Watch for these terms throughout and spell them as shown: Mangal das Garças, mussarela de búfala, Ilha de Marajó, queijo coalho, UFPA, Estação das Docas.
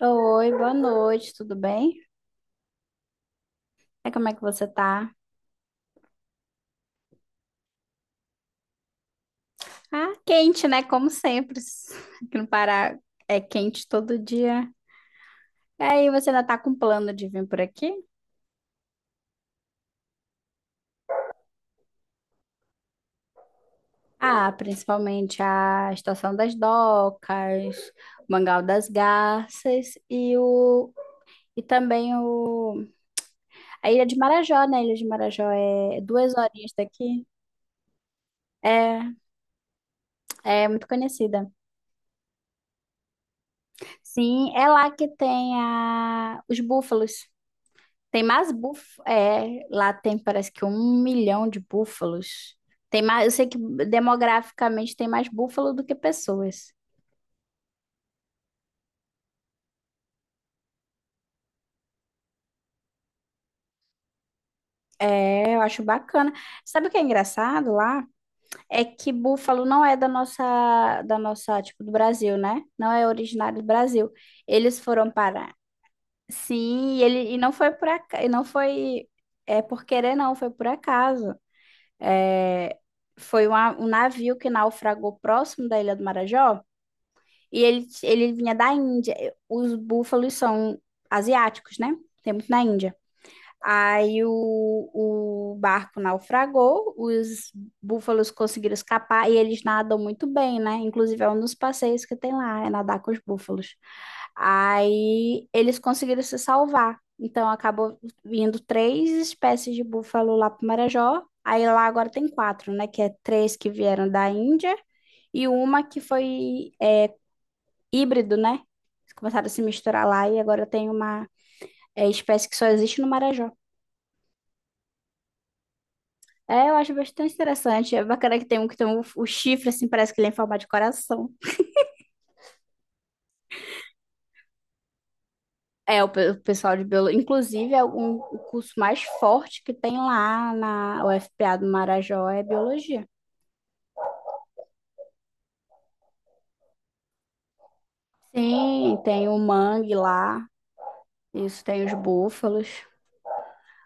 Oi, boa noite, tudo bem? É, como é que você tá? Ah, quente, né? Como sempre. Aqui no Pará é quente todo dia. E aí, você ainda tá com plano de vir por aqui? Ah, principalmente a Estação das Docas, o Mangal das Garças e o e também o a Ilha de Marajó, né? A Ilha de Marajó é duas horinhas daqui. É, é muito conhecida. Sim, é lá que os búfalos. Tem mais búfalos. É, lá tem parece que um milhão de búfalos. Tem mais, eu sei que demograficamente tem mais búfalo do que pessoas. É, eu acho bacana. Sabe o que é engraçado lá? É que búfalo não é da nossa, tipo, do Brasil, né? Não é originário do Brasil. Eles foram para. Sim, e não foi por acaso, e não foi é por querer não, foi por acaso. É, foi um navio que naufragou próximo da Ilha do Marajó. E ele vinha da Índia. Os búfalos são asiáticos, né? Tem muito na Índia. Aí o barco naufragou, os búfalos conseguiram escapar e eles nadam muito bem, né? Inclusive é um dos passeios que tem lá, é nadar com os búfalos. Aí eles conseguiram se salvar. Então acabou vindo três espécies de búfalo lá para Marajó. Aí lá agora tem quatro, né? Que é três que vieram da Índia e uma que foi híbrido, né? Começaram a se misturar lá e agora tem uma espécie que só existe no Marajó. É, eu acho bastante interessante. É bacana que tem o chifre, assim, parece que ele é em forma de coração. É, o pessoal de biologia. Inclusive, o curso mais forte que tem lá na UFPA do Marajó é biologia. Sim, tem o mangue lá, isso tem os búfalos.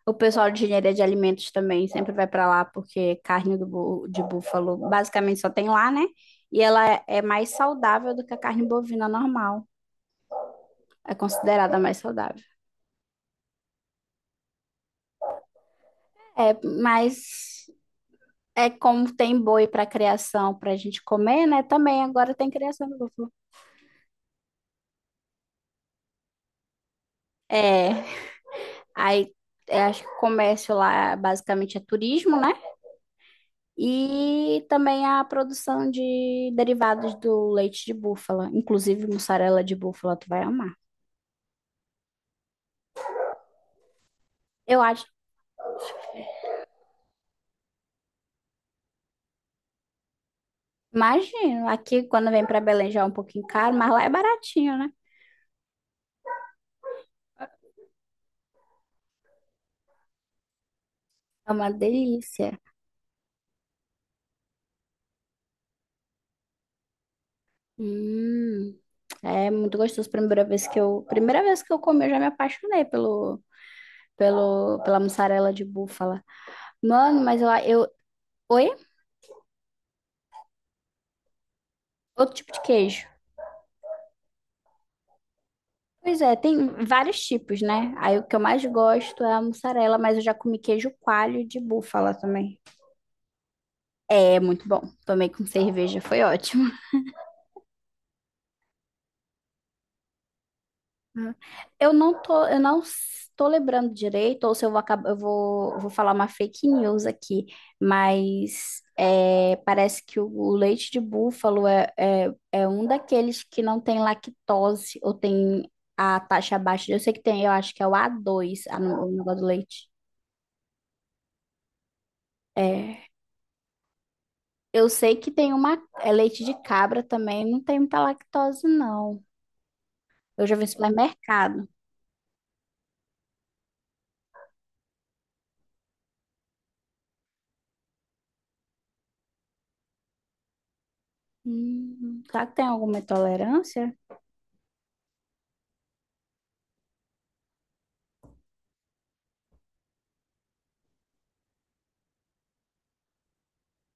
O pessoal de engenharia de alimentos também sempre vai para lá porque carne de búfalo basicamente só tem lá, né? E ela é mais saudável do que a carne bovina normal. É considerada mais saudável. É, mas é como tem boi para criação para a gente comer, né? Também agora tem criação de búfalo. É, aí é, acho que o comércio lá basicamente é turismo, né? E também a produção de derivados do leite de búfala, inclusive mussarela de búfala, tu vai amar. Eu acho. Imagino. Aqui, quando vem para Belém, já é um pouquinho caro, mas lá é baratinho, né? É uma delícia. Hum, é muito gostoso. Primeira vez que eu comi, eu já me apaixonei pela mussarela de búfala. Mano, oi? Outro tipo de queijo. Pois é, tem vários tipos, né? Aí o que eu mais gosto é a mussarela, mas eu já comi queijo coalho de búfala também. É muito bom. Tomei com cerveja, foi ótimo. Hum. Eu não estou lembrando direito, ou se eu vou acabar, eu vou falar uma fake news aqui, mas é, parece que o leite de búfalo é um daqueles que não tem lactose ou tem a taxa abaixo. Eu sei que tem, eu acho que é o a dois a, o negócio do leite. É, eu sei que tem uma, é leite de cabra também, não tem muita lactose, não. Eu já vi em supermercado. Será que tem alguma intolerância?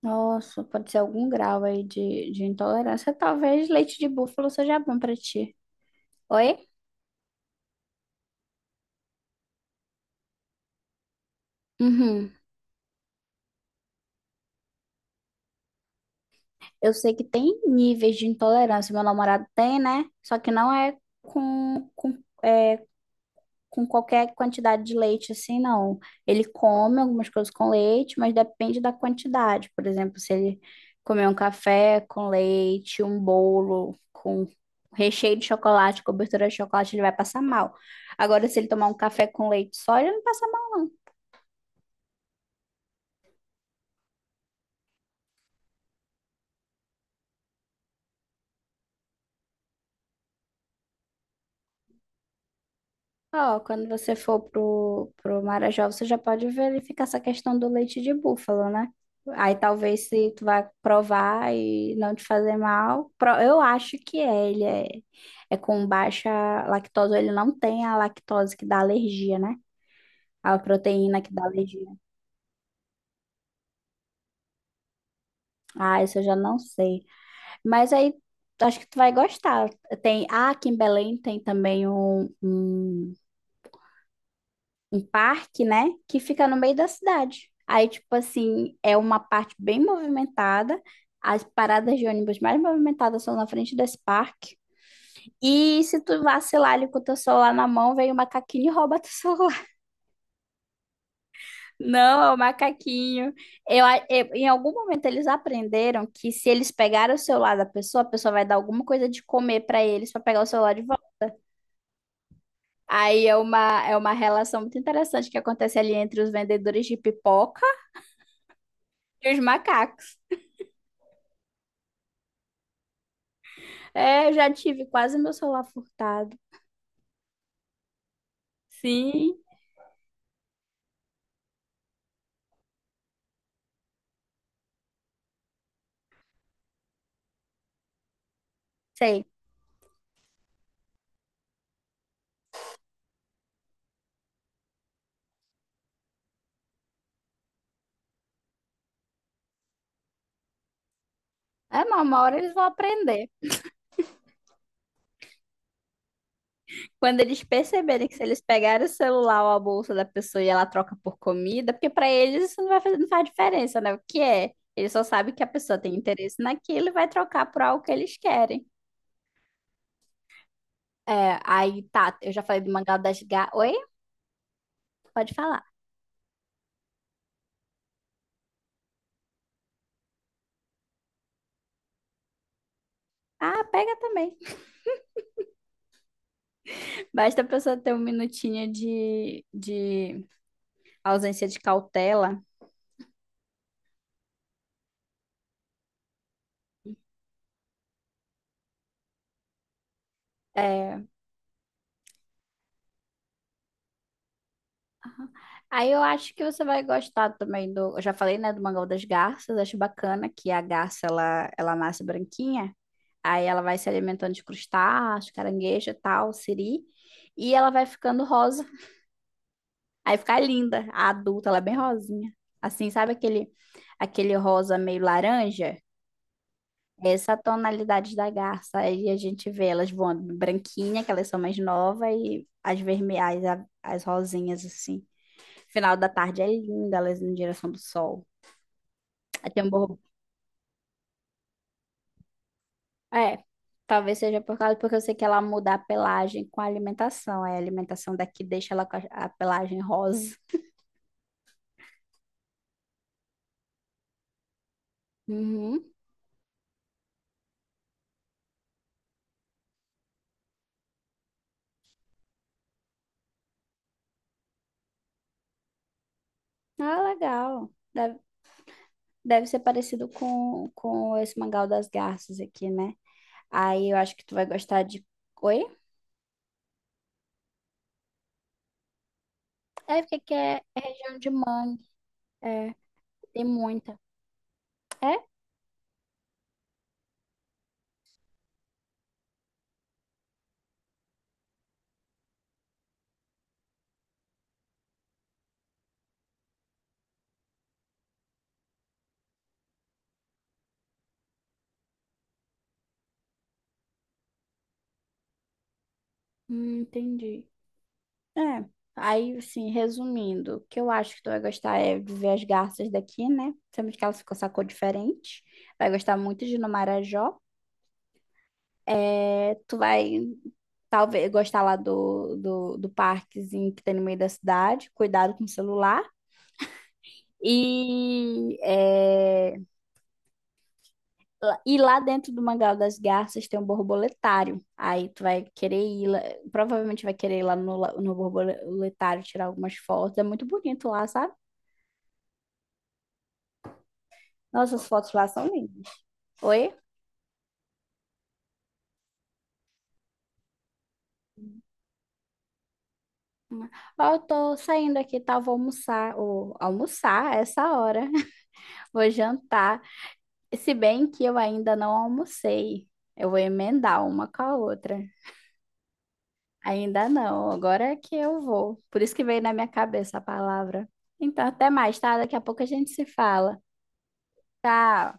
Nossa, pode ser algum grau aí de intolerância. Talvez leite de búfalo seja bom pra ti. Oi? Uhum. Eu sei que tem níveis de intolerância. Meu namorado tem, né? Só que não é é com qualquer quantidade de leite, assim, não. Ele come algumas coisas com leite, mas depende da quantidade. Por exemplo, se ele comer um café com leite, um bolo com recheio de chocolate, cobertura de chocolate, ele vai passar mal. Agora, se ele tomar um café com leite só, ele não passa mal, não. Ó, quando você for pro Marajó, você já pode verificar essa questão do leite de búfalo, né? Aí talvez se tu vai provar e não te fazer mal, eu acho que é com baixa lactose, ele não tem a lactose que dá alergia, né? A proteína que dá alergia. Ah, isso eu já não sei. Mas aí acho que tu vai gostar. Tem, ah, aqui em Belém tem também um parque, né, que fica no meio da cidade. Aí, tipo assim, é uma parte bem movimentada. As paradas de ônibus mais movimentadas são na frente desse parque. E se tu vacilar ali com o teu celular na mão, vem o macaquinho e rouba teu celular. Não, é o macaquinho. Em algum momento eles aprenderam que se eles pegarem o celular da pessoa, a pessoa vai dar alguma coisa de comer pra eles pra pegar o celular de volta. Aí é é uma relação muito interessante que acontece ali entre os vendedores de pipoca e os macacos. É, eu já tive quase meu celular furtado. Sim. Sei. É, mas uma hora eles vão aprender. Quando eles perceberem que se eles pegarem o celular ou a bolsa da pessoa e ela troca por comida, porque pra eles isso não vai fazer, não faz diferença, né? O que é? Eles só sabem que a pessoa tem interesse naquilo e vai trocar por algo que eles querem. É, aí tá, eu já falei do mangal das gatas. Oi? Pode falar. Ah, pega também. Basta a pessoa ter um minutinho de ausência de cautela. É, aí eu acho que você vai gostar também do. Eu já falei, né, do mangá das garças. Acho bacana que a garça ela nasce branquinha. Aí ela vai se alimentando de crustáceos, caranguejo e tal, siri. E ela vai ficando rosa. Aí fica linda. A adulta, ela é bem rosinha. Assim, sabe aquele, aquele rosa meio laranja? Essa tonalidade da garça. Aí a gente vê elas voando branquinha, que elas são mais novas, e as vermelhas, as rosinhas, assim. Final da tarde é linda, elas indo em direção do sol. Aí tem um borbo. É, talvez seja por causa, porque eu sei que ela muda a pelagem com a alimentação. Aí a alimentação daqui deixa ela com a pelagem rosa. Uhum. Ah, legal. Deve ser parecido com esse mangá das garças aqui, né? Aí eu acho que tu vai gostar de. Oi? É porque aqui é região de mangue. É, tem muita. É? Entendi. É. Aí, assim, resumindo, o que eu acho que tu vai gostar é de ver as garças daqui, né? Sabemos que elas ficam com essa cor diferente. Vai gostar muito de ir no Marajó. É, talvez, gostar lá do parquezinho que tem no meio da cidade. Cuidado com o celular. E, é, e lá dentro do Mangal das Garças tem um borboletário. Aí tu vai querer ir lá, provavelmente vai querer ir lá no borboletário tirar algumas fotos. É muito bonito lá, sabe? Nossa, as fotos lá são lindas. Oi? Ó, eu tô saindo aqui, tá? Vou almoçar, ou almoçar essa hora. Vou jantar. Se bem que eu ainda não almocei. Eu vou emendar uma com a outra. Ainda não, agora é que eu vou. Por isso que veio na minha cabeça a palavra. Então, até mais, tá? Daqui a pouco a gente se fala. Tchau.